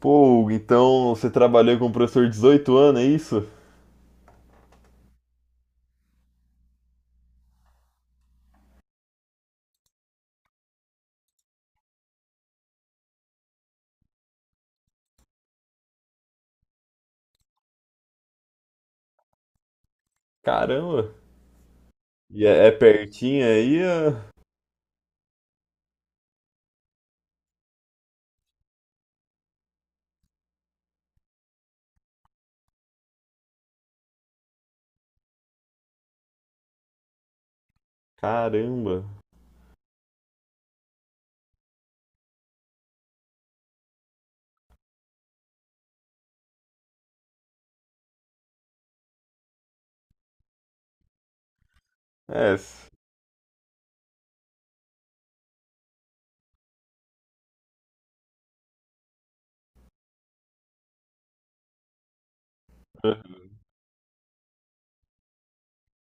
Pô, Hugo, então você trabalhou com um professor de 18 anos, é isso? Caramba! E é pertinho aí, ó? Caramba! É,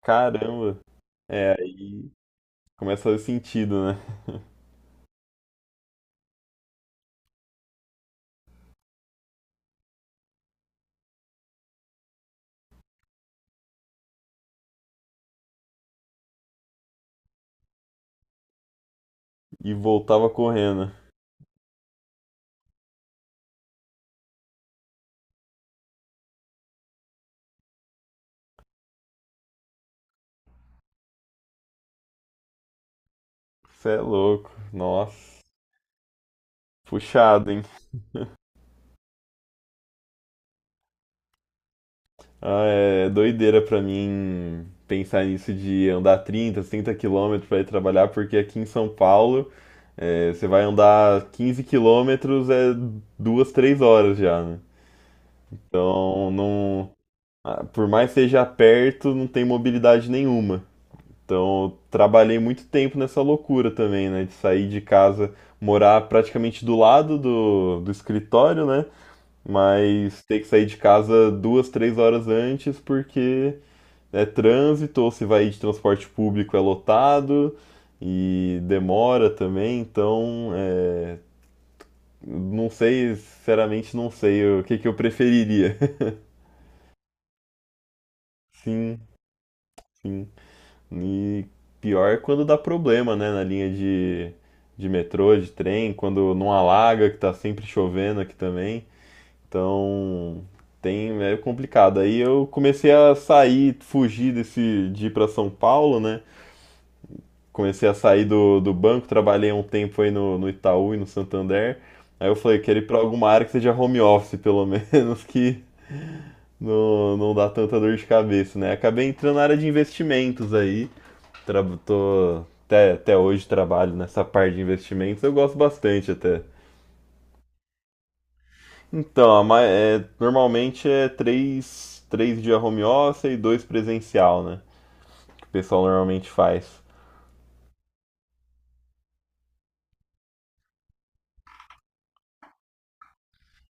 caramba! É, aí começa a fazer sentido, né? E voltava correndo. Você é louco, nossa. Puxado, hein? Ah, é doideira pra mim pensar nisso de andar 30 quilômetros pra ir trabalhar, porque aqui em São Paulo. É, você vai andar 15 quilômetros, é 2, 3 horas já, né? Então, não, ah, por mais que seja perto, não tem mobilidade nenhuma. Então, eu trabalhei muito tempo nessa loucura também, né? De sair de casa, morar praticamente do lado do escritório, né? Mas ter que sair de casa 2, 3 horas antes porque é trânsito, ou se vai de transporte público é lotado e demora também. Então, não sei, sinceramente não sei o que que eu preferiria. Sim, sim. E pior é quando dá problema, né, na linha de metrô, de trem, quando não alaga, que tá sempre chovendo aqui também. Então, tem, é complicado. Aí eu comecei a sair, fugir desse, de ir pra São Paulo, né? Comecei a sair do banco, trabalhei um tempo aí no Itaú e no Santander. Aí eu falei, quero ir pra alguma área que seja home office, pelo menos, que não dá tanta dor de cabeça, né? Acabei entrando na área de investimentos aí. Tra Tô, até hoje trabalho nessa parte de investimentos, eu gosto bastante até. Então, normalmente é três dias home office e dois presencial, né? Que o pessoal normalmente faz.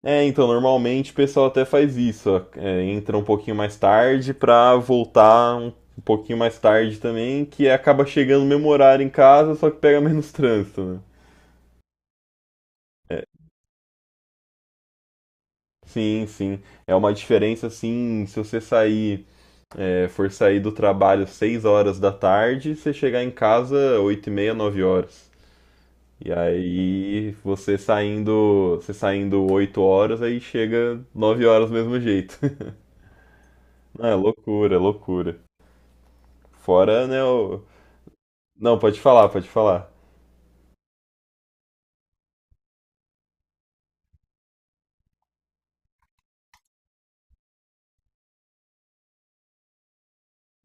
É, então, normalmente o pessoal até faz isso, ó, entra um pouquinho mais tarde pra voltar um pouquinho mais tarde também, que acaba chegando no mesmo horário em casa, só que pega menos trânsito, né? É, sim, sim. É uma diferença assim, se você for sair do trabalho 6 horas da tarde, você chegar em casa 8:30, 9 horas. E aí você saindo 8 horas, aí chega 9 horas do mesmo jeito. Ah, loucura, loucura. Fora, né, Não, pode falar, pode falar.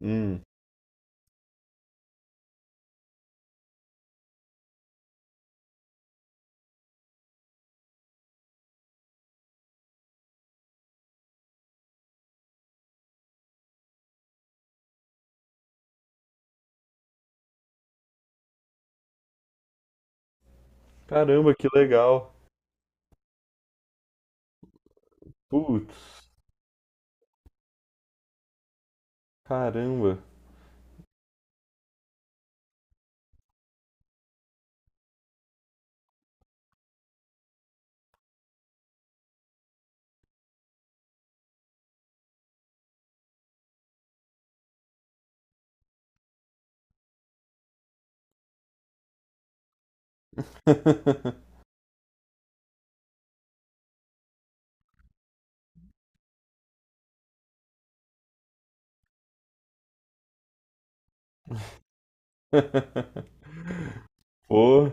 Hum. Caramba, que legal. Putz, caramba. Pô.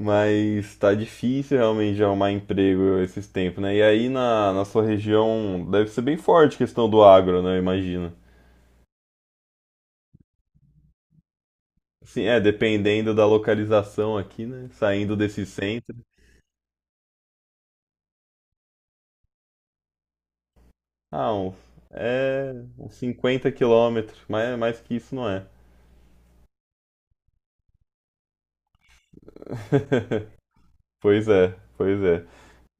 Mas tá difícil realmente de arrumar emprego esses tempos, né? E aí na sua região deve ser bem forte a questão do agro, né? Eu imagino. Assim, dependendo da localização aqui, né? Saindo desse centro. Ah, é uns 50 quilômetros, mas é mais que isso não é. Pois é, pois é.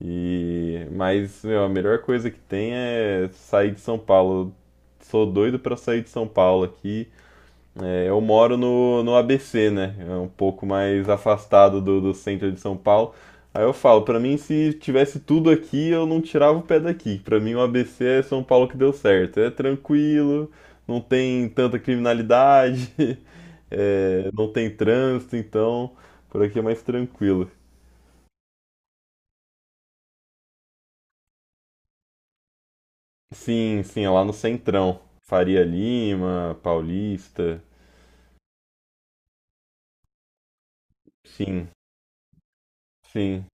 E mas meu, a melhor coisa que tem é sair de São Paulo. Sou doido pra sair de São Paulo aqui. É, eu moro no ABC, né? É um pouco mais afastado do centro de São Paulo. Aí eu falo, pra mim, se tivesse tudo aqui, eu não tirava o pé daqui. Pra mim, o ABC é São Paulo que deu certo. É tranquilo, não tem tanta criminalidade, não tem trânsito, então por aqui é mais tranquilo. Sim, sim, é lá no Centrão. Faria Lima, Paulista. Sim, sim.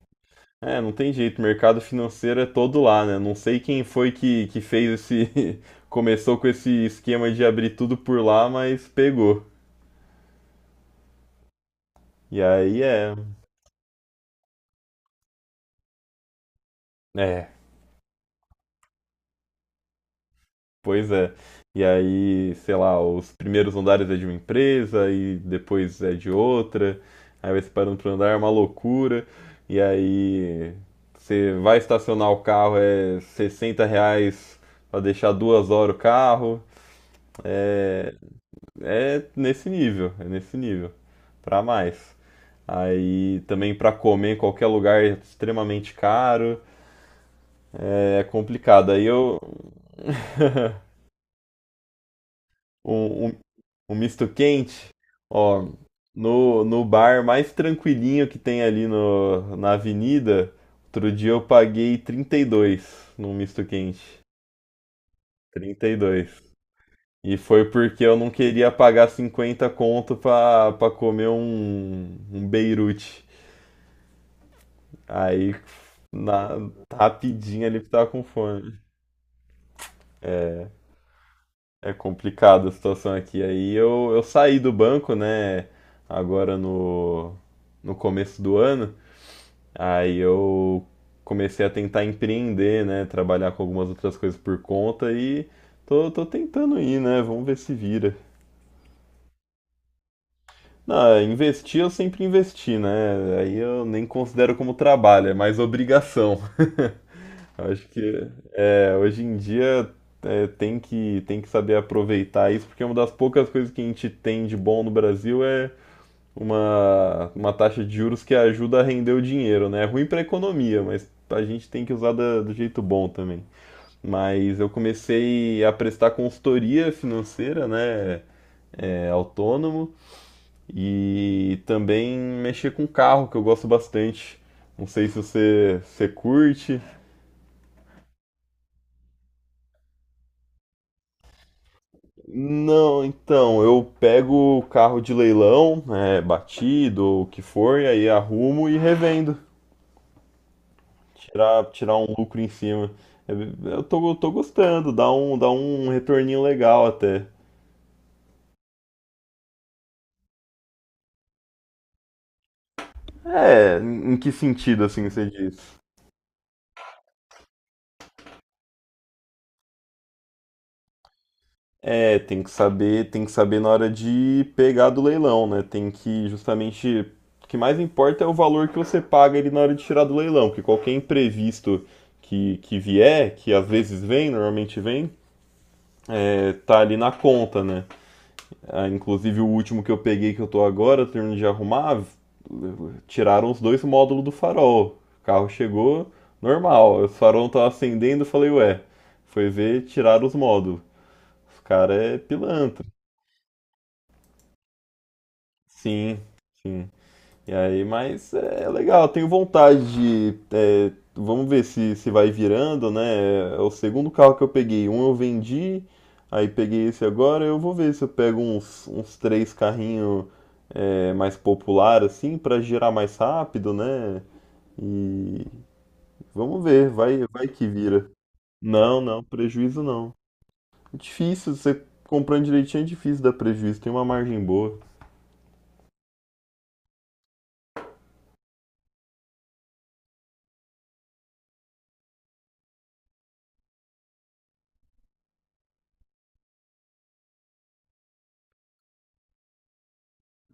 É, não tem jeito, mercado financeiro é todo lá, né? Não sei quem foi que fez esse. Começou com esse esquema de abrir tudo por lá, mas pegou. E aí é. É, pois é. E aí, sei lá, os primeiros andares é de uma empresa e depois é de outra. Aí vai separando por andar, é uma loucura. E aí você vai estacionar o carro, é R$ 60 para deixar 2 horas o carro. É, é nesse nível, é nesse nível, pra mais. Aí também pra comer em qualquer lugar é extremamente caro, é complicado. Aí eu um, um, um misto quente, ó, no bar mais tranquilinho que tem ali no, na avenida, outro dia eu paguei 32 num misto quente. Trinta e dois e foi porque eu não queria pagar 50 conto pra comer um Beirute. Aí, na, rapidinho ali, tava com fome. É complicado a situação aqui. Aí eu saí do banco, né? Agora no começo do ano. Aí eu comecei a tentar empreender, né? Trabalhar com algumas outras coisas por conta e tô tentando ir, né? Vamos ver se vira. Não, investir eu sempre investi, né? Aí eu nem considero como trabalho, é mais obrigação. Eu acho que hoje em dia tem que saber aproveitar isso, porque uma das poucas coisas que a gente tem de bom no Brasil é uma taxa de juros que ajuda a render o dinheiro, né? É ruim para a economia, mas a gente tem que usar do jeito bom também. Mas eu comecei a prestar consultoria financeira, né? É, autônomo e também mexer com carro, que eu gosto bastante. Não sei se você curte. Não, então, eu pego o carro de leilão, é batido ou o que for, e aí arrumo e revendo, tirar um lucro em cima. Eu eu tô gostando, dá um retorninho legal até. É, em que sentido assim você diz? É, tem que saber na hora de pegar do leilão, né? Tem que Justamente o que mais importa é o valor que você paga ele na hora de tirar do leilão, porque qualquer imprevisto que vier, que às vezes vem, normalmente vem, tá ali na conta, né? Ah, inclusive o último que eu peguei que eu tô agora, terminando de arrumar, tiraram os dois módulos do farol. O carro chegou normal, o farol não tava acendendo, eu falei, ué, foi ver, tiraram os módulos. Os cara é pilantra. Sim, sim. E aí, mas é legal, tenho vontade vamos ver se vai virando, né? É o segundo carro que eu peguei. Um eu vendi, aí peguei esse agora. Eu vou ver se eu pego uns três carrinhos mais popular assim, pra girar mais rápido, né? E vamos ver, vai que vira. Não, não, prejuízo não. É difícil, você comprando direitinho é difícil dar prejuízo, tem uma margem boa.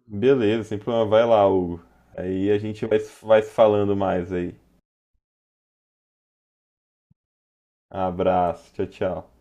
Beleza, sem problema. Vai lá, Hugo. Aí a gente vai se falando mais aí. Abraço, tchau, tchau.